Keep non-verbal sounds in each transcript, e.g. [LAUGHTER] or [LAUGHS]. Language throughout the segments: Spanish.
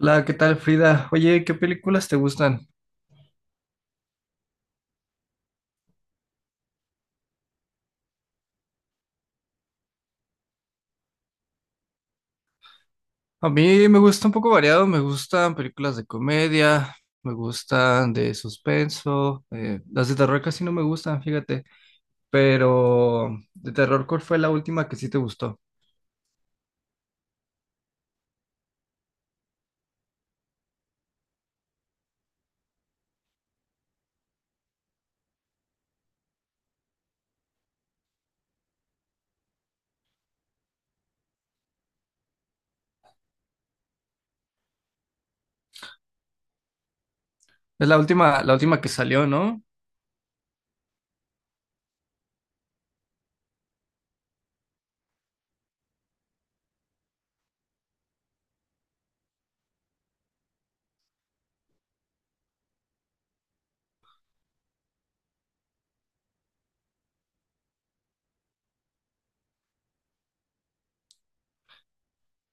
Hola, ¿qué tal, Frida? Oye, ¿qué películas te gustan? A mí me gusta un poco variado, me gustan películas de comedia, me gustan de suspenso, las de terror casi no me gustan, fíjate, pero de terror, ¿cuál fue la última que sí te gustó? Es la última que salió, ¿no?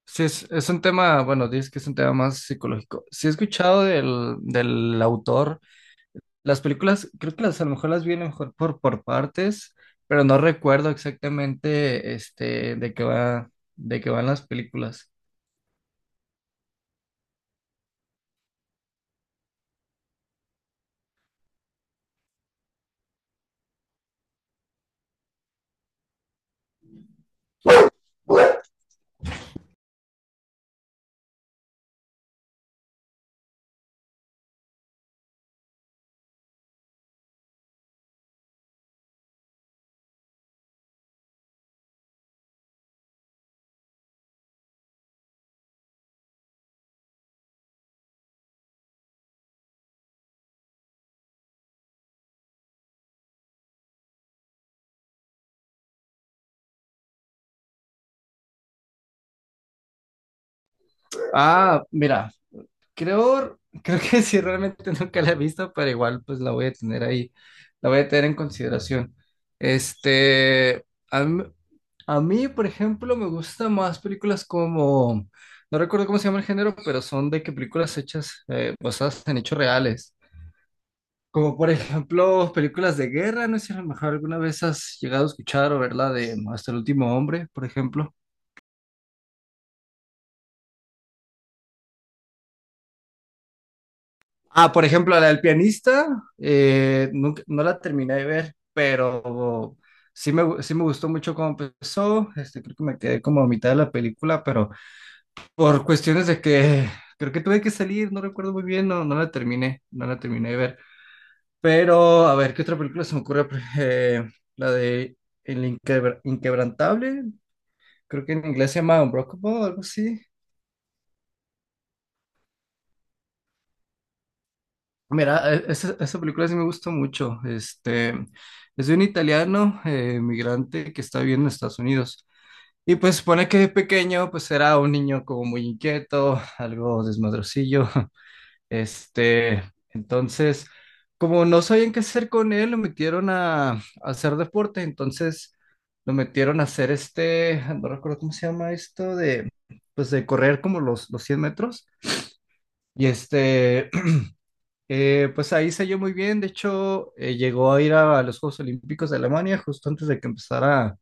Sí, es un tema, bueno, dices que es un tema más psicológico. Sí he escuchado del autor. Las películas, creo que las a lo mejor las vi a lo mejor por partes, pero no recuerdo exactamente este de qué va, de qué van las películas. Ah, mira, creo, [LAUGHS] creo que sí realmente nunca la he visto, pero igual pues la voy a tener ahí, la voy a tener en consideración. Este, a mí, a mí, por ejemplo, me gustan más películas como, no recuerdo cómo se llama el género, pero son de que películas hechas basadas en hechos reales. Como por [LAUGHS] ejemplo, películas de guerra, no sé si a lo mejor alguna vez has llegado a escuchar o verla de Hasta el último hombre, por ejemplo. Ah, por ejemplo, la del pianista, no la terminé de ver, pero sí me gustó mucho cómo empezó. Este, creo que me quedé como a mitad de la película, pero por cuestiones de que creo que tuve que salir, no recuerdo muy bien, no la terminé, no la terminé de ver. Pero, a ver, ¿qué otra película se me ocurre? Eh, la de El Inquebrantable, creo que en inglés se llama Unbreakable o algo así. Mira, esa película sí me gustó mucho. Este, es de un italiano migrante que está viviendo en Estados Unidos. Y pues supone que de pequeño pues era un niño como muy inquieto, algo desmadrocillo. [LAUGHS] Este, entonces, como no sabían qué hacer con él, lo metieron a hacer deporte. Entonces, lo metieron a hacer este, no recuerdo cómo se llama esto, de, pues de correr como los 100 metros. Y este, pues ahí selló muy bien, de hecho llegó a ir a los Juegos Olímpicos de Alemania justo antes de que empezara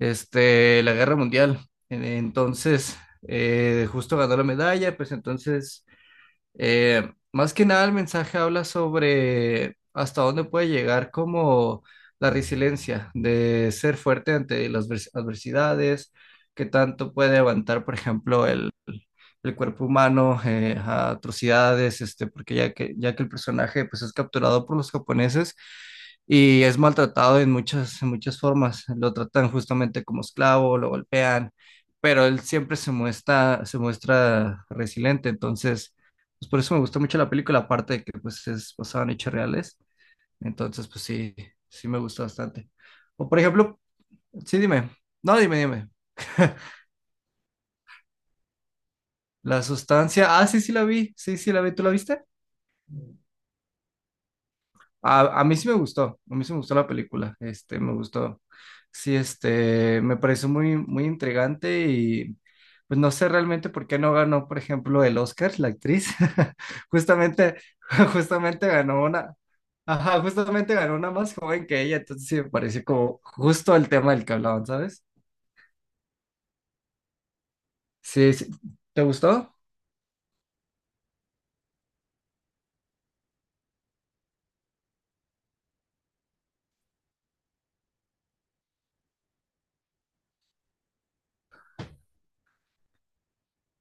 este, la Guerra Mundial. Entonces, justo ganó la medalla, pues entonces más que nada, el mensaje habla sobre hasta dónde puede llegar como la resiliencia de ser fuerte ante las adversidades, qué tanto puede aguantar, por ejemplo, el cuerpo humano a atrocidades, este, porque ya que el personaje pues, es capturado por los japoneses y es maltratado en muchas formas, lo tratan justamente como esclavo, lo golpean, pero él siempre se muestra resiliente, entonces. Pues por eso me gustó mucho la película, aparte de que pues es basada en hechos reales. Entonces, pues sí, sí me gustó bastante. O por ejemplo, sí, dime. No, dime, dime. [LAUGHS] La sustancia. Ah, sí, sí la vi. Sí, sí la vi. ¿Tú la viste? A mí sí me gustó, a mí sí me gustó, la película, este, me gustó. Sí, este, me pareció muy, muy intrigante y pues no sé realmente por qué no ganó, por ejemplo, el Oscar, la actriz. [LAUGHS] Justamente, justamente ganó una, ajá, justamente ganó una más joven que ella, entonces sí me pareció como justo el tema del que hablaban, ¿sabes? Sí, sí. ¿Te gustó?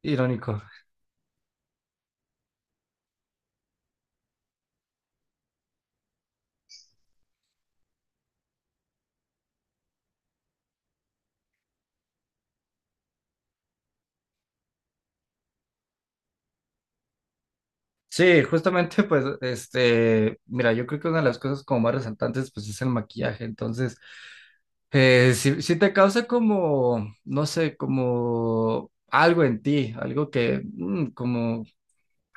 Irónico. Sí, justamente, pues, este, mira, yo creo que una de las cosas como más resaltantes, pues, es el maquillaje. Entonces, si, te causa como, no sé, como algo en ti, algo que, como,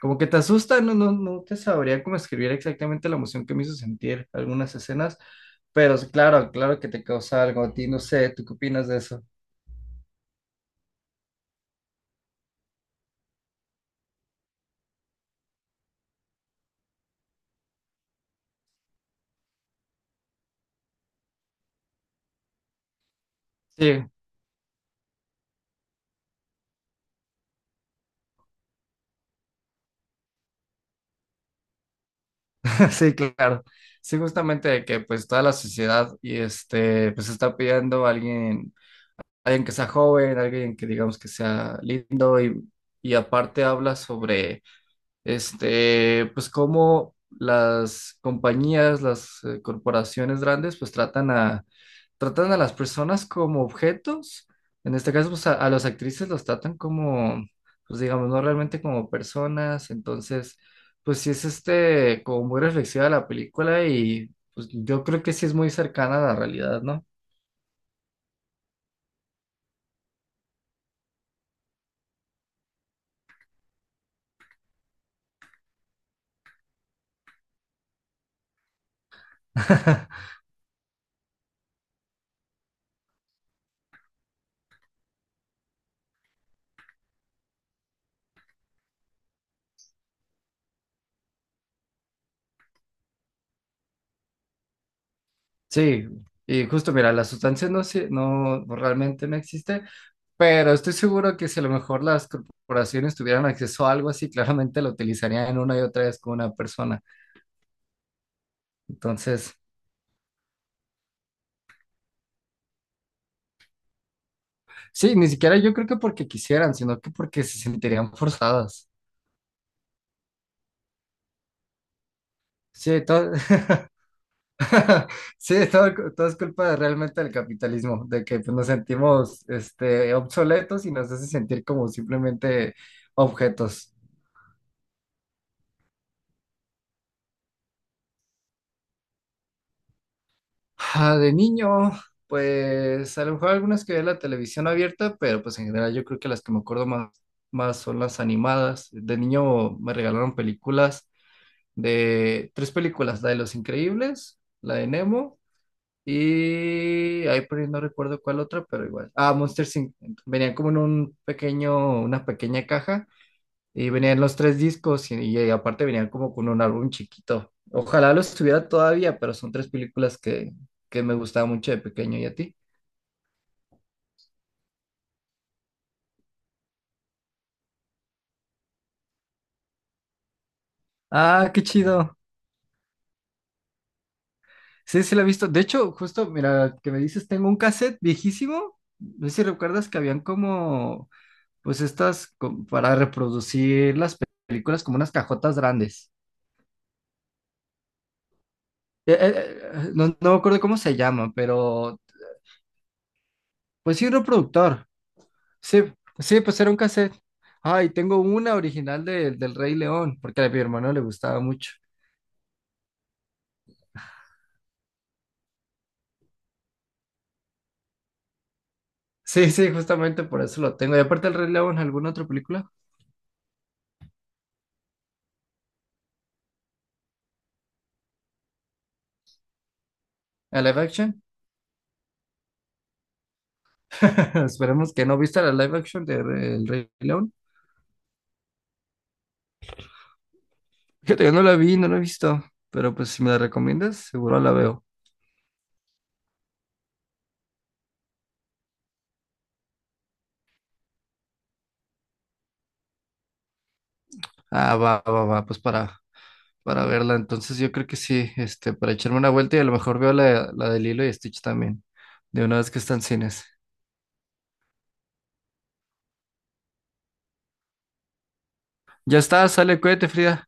como que te asusta, no te sabría cómo escribir exactamente la emoción que me hizo sentir algunas escenas, pero sí, claro, claro que te causa algo a ti, no sé, ¿tú qué opinas de eso? Sí, [LAUGHS] sí, claro. Sí, justamente de que pues toda la sociedad y este, pues está pidiendo a alguien que sea joven, alguien que digamos que sea lindo y aparte habla sobre este, pues cómo las compañías, las corporaciones grandes, pues tratan a las personas como objetos. En este caso, pues a las actrices los tratan como, pues digamos, no realmente como personas. Entonces, pues sí es este, como muy reflexiva la película y pues yo creo que sí es muy cercana a la realidad, ¿no? [LAUGHS] Sí, y justo mira, la sustancia no, no realmente no existe. Pero estoy seguro que si a lo mejor las corporaciones tuvieran acceso a algo así, [LAUGHS] claramente lo utilizarían una y otra vez con una persona. Entonces, sí, ni siquiera yo creo que porque quisieran, sino que porque se sentirían forzadas. Sí, todo, [LAUGHS] sí, todo es culpa realmente del capitalismo, de que pues, nos sentimos este, obsoletos y nos hace sentir como simplemente objetos. Ah, de niño, pues a lo mejor algunas que veía en la televisión abierta, pero pues en general yo creo que las que me acuerdo más son las animadas. De niño me regalaron películas de tres películas, la de Los Increíbles, la de Nemo y ahí por ahí no recuerdo cuál otra, pero igual. Ah, Monsters Inc. Venían como en un pequeño, una pequeña caja y venían los tres discos y aparte venían como con un álbum chiquito. Ojalá lo estuviera todavía, pero son tres películas que me gustaban mucho de pequeño. ¿Y a ti? Ah, qué chido. Sí, sí lo he visto. De hecho, justo, mira, que me dices, tengo un cassette viejísimo. No sé si recuerdas que habían como, pues estas, para reproducir las películas como unas cajotas grandes. Eh, eh, no me acuerdo cómo se llama, pero pues sí, un reproductor. Sí, sí, pues era un cassette. Ay, tengo una original del Rey León, porque a mi hermano le gustaba mucho. Sí, sí, justamente por eso lo tengo. Y aparte el Rey León, ¿alguna otra película? ¿A live action? [LAUGHS] Esperemos que no. ¿Viste la live action de El Rey León? Fíjate, yo no la vi, no la he visto, pero pues si me la recomiendas, seguro la veo. Ah, va, va, va, pues para verla. Entonces yo creo que sí, este, para echarme una vuelta y a lo mejor veo la de Lilo y Stitch también, de una vez que están en cines. Ya está, sale, cuídate, Frida.